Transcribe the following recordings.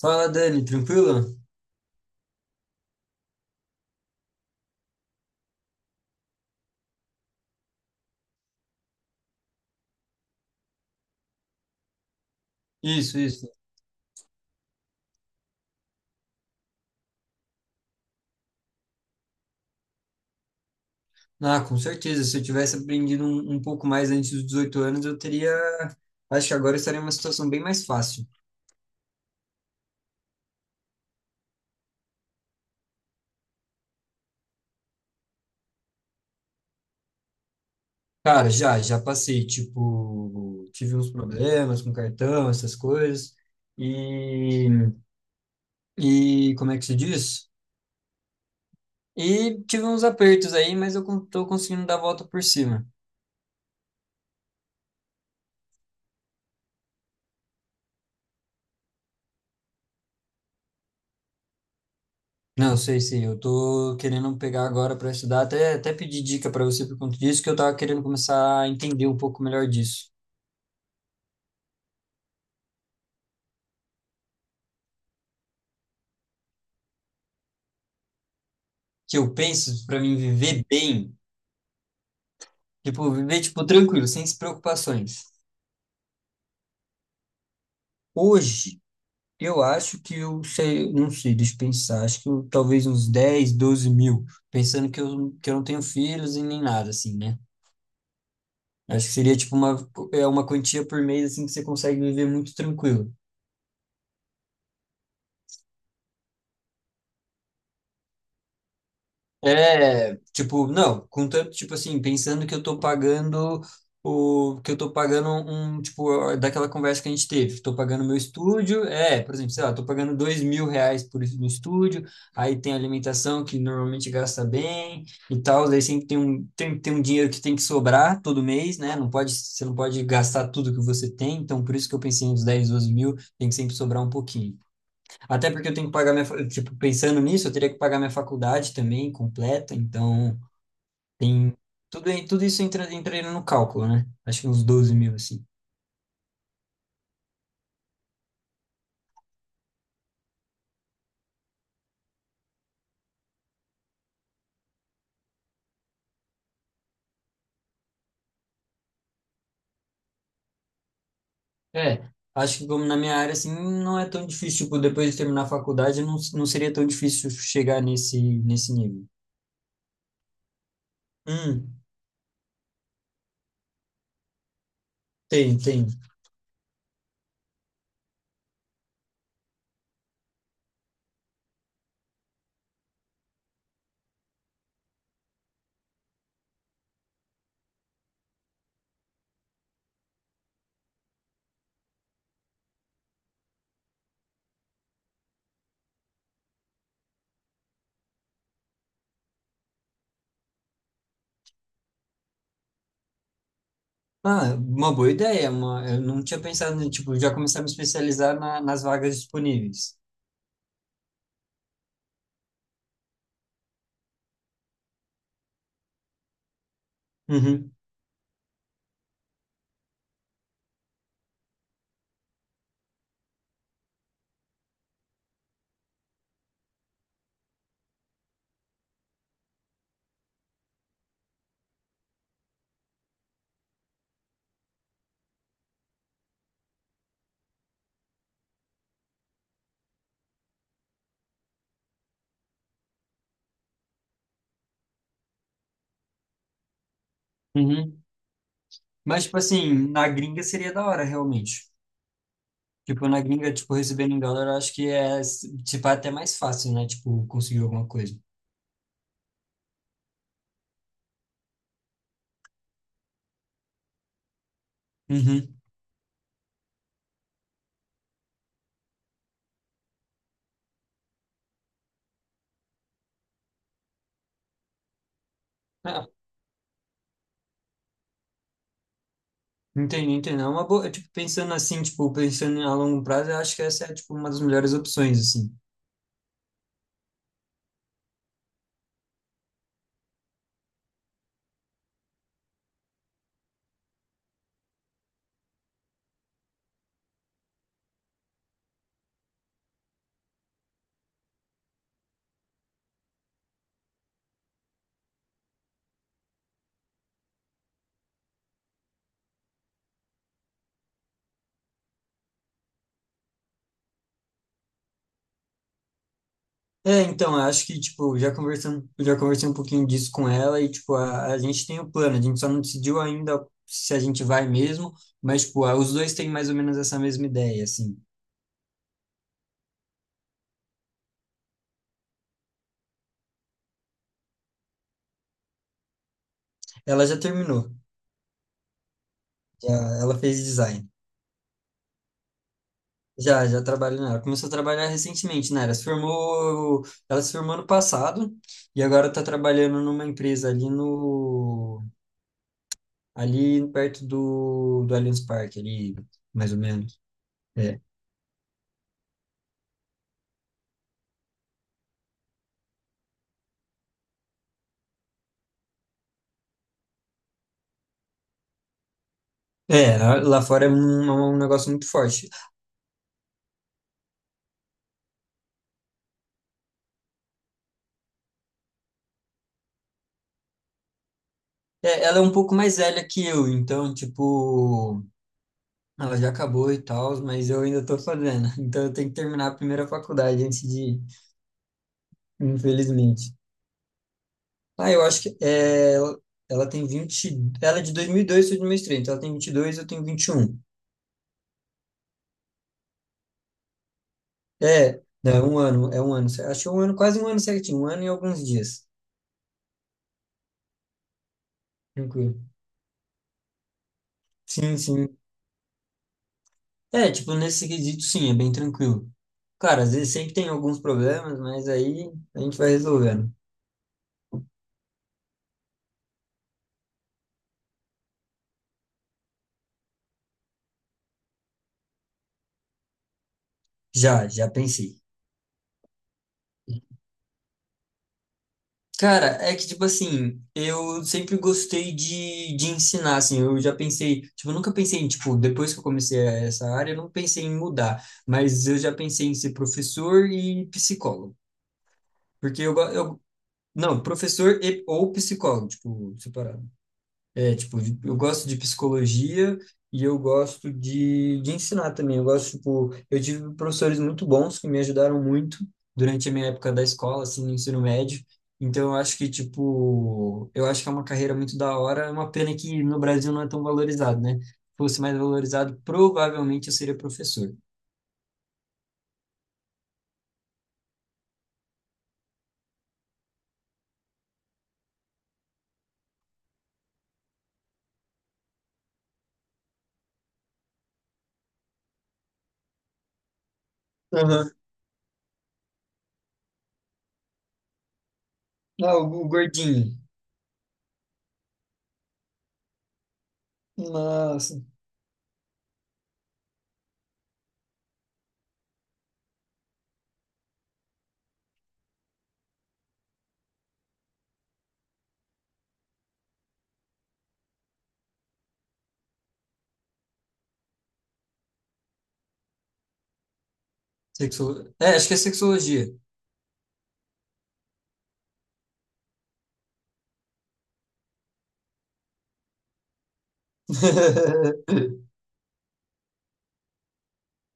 Fala, Dani, tranquilo? Isso, isso. Ah, com certeza. Se eu tivesse aprendido um pouco mais antes dos 18 anos, eu teria. Acho que agora eu estaria em uma situação bem mais fácil. Cara, já, já passei. Tipo, tive uns problemas com cartão, essas coisas. E, e como é que se diz? E tive uns apertos aí, mas tô conseguindo dar a volta por cima. Não, sei, sei. Eu tô querendo pegar agora para estudar. Até pedir dica para você por conta disso, que eu tava querendo começar a entender um pouco melhor disso. Que eu penso para mim viver bem, tipo, viver tipo tranquilo, sem preocupações. Hoje, eu acho que eu sei, não sei, deixa eu pensar, acho que eu, talvez uns 10, 12 mil, pensando que eu não tenho filhos e nem nada assim, né? Acho que seria tipo uma, é uma quantia por mês assim que você consegue viver muito tranquilo. É, tipo, não, contanto, tipo assim, pensando que eu tô pagando o que eu tô pagando um, tipo, daquela conversa que a gente teve, tô pagando meu estúdio, é, por exemplo, sei lá, tô pagando R$ 2.000 por isso no estúdio, aí tem alimentação que normalmente gasta bem e tal, daí sempre tem tem um dinheiro que tem que sobrar todo mês, né? Você não pode gastar tudo que você tem, então por isso que eu pensei nos 10 12 mil, tem que sempre sobrar um pouquinho. Até porque eu tenho que pagar tipo, pensando nisso, eu teria que pagar minha faculdade também completa, então tem tudo, tudo isso entra, entra no cálculo, né? Acho que uns 12 mil, assim. É, acho que como na minha área, assim, não é tão difícil, tipo, depois de terminar a faculdade, não, não seria tão difícil chegar nesse nível. Hum, tem. Ah, uma boa ideia, eu não tinha pensado, em, tipo, já começar a me especializar nas vagas disponíveis. Uhum, uhum. Mas, tipo assim, na gringa seria da hora, realmente. Tipo, na gringa, tipo, recebendo em dólar, eu acho que é, tipo, até mais fácil, né? Tipo, conseguir alguma coisa. Uhum. Ah, entendi, entendi. É uma boa, tipo, pensando assim, tipo, pensando a longo prazo, eu acho que essa é, tipo, uma das melhores opções, assim. É, então, eu acho que, tipo, já conversando, já conversei um pouquinho disso com ela e, tipo, a gente tem o plano, a gente só não decidiu ainda se a gente vai mesmo, mas, tipo, os dois têm mais ou menos essa mesma ideia, assim. Ela já terminou, já, ela fez design. Já, já trabalho nela. Começou a trabalhar recentemente, né? Ela se formou ano passado e agora está trabalhando numa empresa ali no, ali perto do, do Allianz Parque, ali, mais ou menos. É. É, lá fora é um negócio muito forte. É, ela é um pouco mais velha que eu, então, tipo, ela já acabou e tal, mas eu ainda tô fazendo. Então eu tenho que terminar a primeira faculdade antes de ir, infelizmente. Ah, eu acho que é, ela, tem 20. Ela é de 2002 ou 2003, então ela tem 22, eu tenho 21. É, não, é um ano, é um ano. Acho que é um ano, quase um ano certinho, um ano e alguns dias. Tranquilo. Sim, sim. É, tipo, nesse quesito, sim, é bem tranquilo. Cara, às vezes sempre tem alguns problemas, mas aí a gente vai resolvendo. Já, já pensei. Cara, é que, tipo assim, eu sempre gostei de ensinar, assim, eu já pensei, tipo, eu nunca pensei em, tipo, depois que eu comecei essa área, eu não pensei em mudar, mas eu já pensei em ser professor e psicólogo, porque eu não, professor e, ou psicólogo, tipo, separado. É, tipo, de- eu gosto de psicologia e eu gosto de ensinar também. Eu gosto, tipo, eu tive professores muito bons que me ajudaram muito durante a minha época da escola, assim, no ensino médio. Então, eu acho que, tipo, eu acho que é uma carreira muito da hora. É uma pena que no Brasil não é tão valorizado, né? Se fosse mais valorizado, provavelmente eu seria professor. Aham. Ah, o gordinho. Nossa. Sexo... É, acho que é sexologia.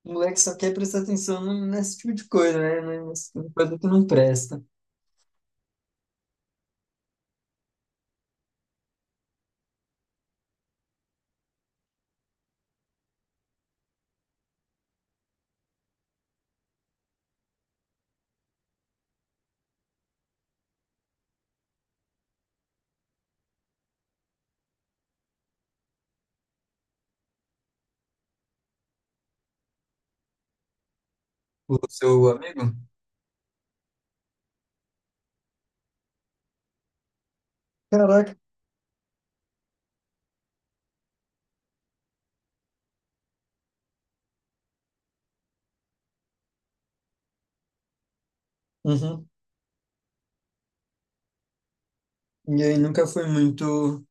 O moleque só quer prestar atenção nesse tipo de coisa, né? Né, nesse tipo de coisa que não presta. O seu amigo? Caraca. Uhum. E aí nunca foi muito.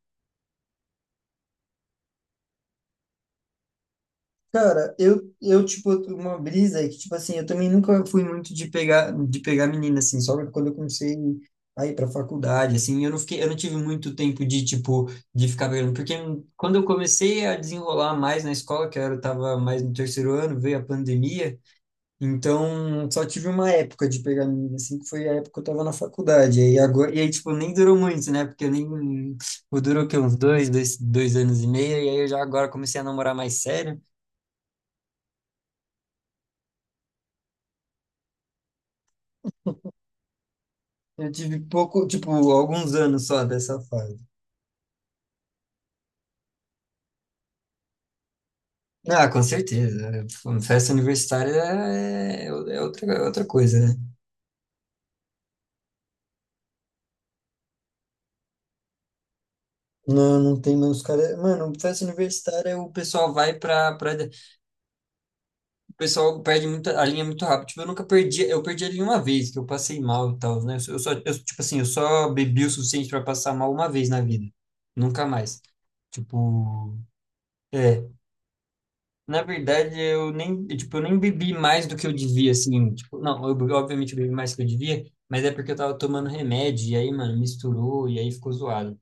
Cara, tipo, uma brisa é que, tipo assim, eu também nunca fui muito de pegar menina, assim, só quando eu comecei a ir pra faculdade, assim, eu não fiquei, eu não tive muito tempo de, tipo, de ficar pegando, porque quando eu comecei a desenrolar mais na escola, que eu era, tava mais no terceiro ano, veio a pandemia. Então, só tive uma época de pegar milho, assim, que foi a época que eu tava na faculdade. Aí agora, e aí, tipo, nem durou muito, né? Porque eu nem. Pô, durou o quê? Uns dois anos e meio. E aí eu já agora comecei a namorar mais sério. Eu tive pouco, tipo, alguns anos só dessa fase. Ah, com certeza. Festa universitária é outra, é outra coisa, né? Não, não tem mais os caras. Mano, festa universitária, o pessoal vai pra, pra. O pessoal perde muita, a linha muito rápido. Tipo, eu nunca perdi, eu perdi a linha uma vez, que eu passei mal e tal, né? Eu só, eu, tipo assim, eu só bebi o suficiente para passar mal uma vez na vida. Nunca mais. Tipo, é. Na verdade, eu nem bebi mais do que eu devia, assim. Tipo, não, eu, bebi- obviamente eu bebi mais do que eu devia, mas é porque eu tava tomando remédio, e aí, mano, misturou, e aí ficou zoado.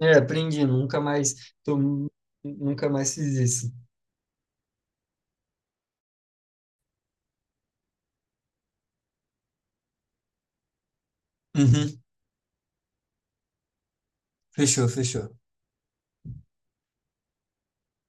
É, aprendi, nunca mais, tô, nunca mais fiz isso. Uhum, fechou, fechou.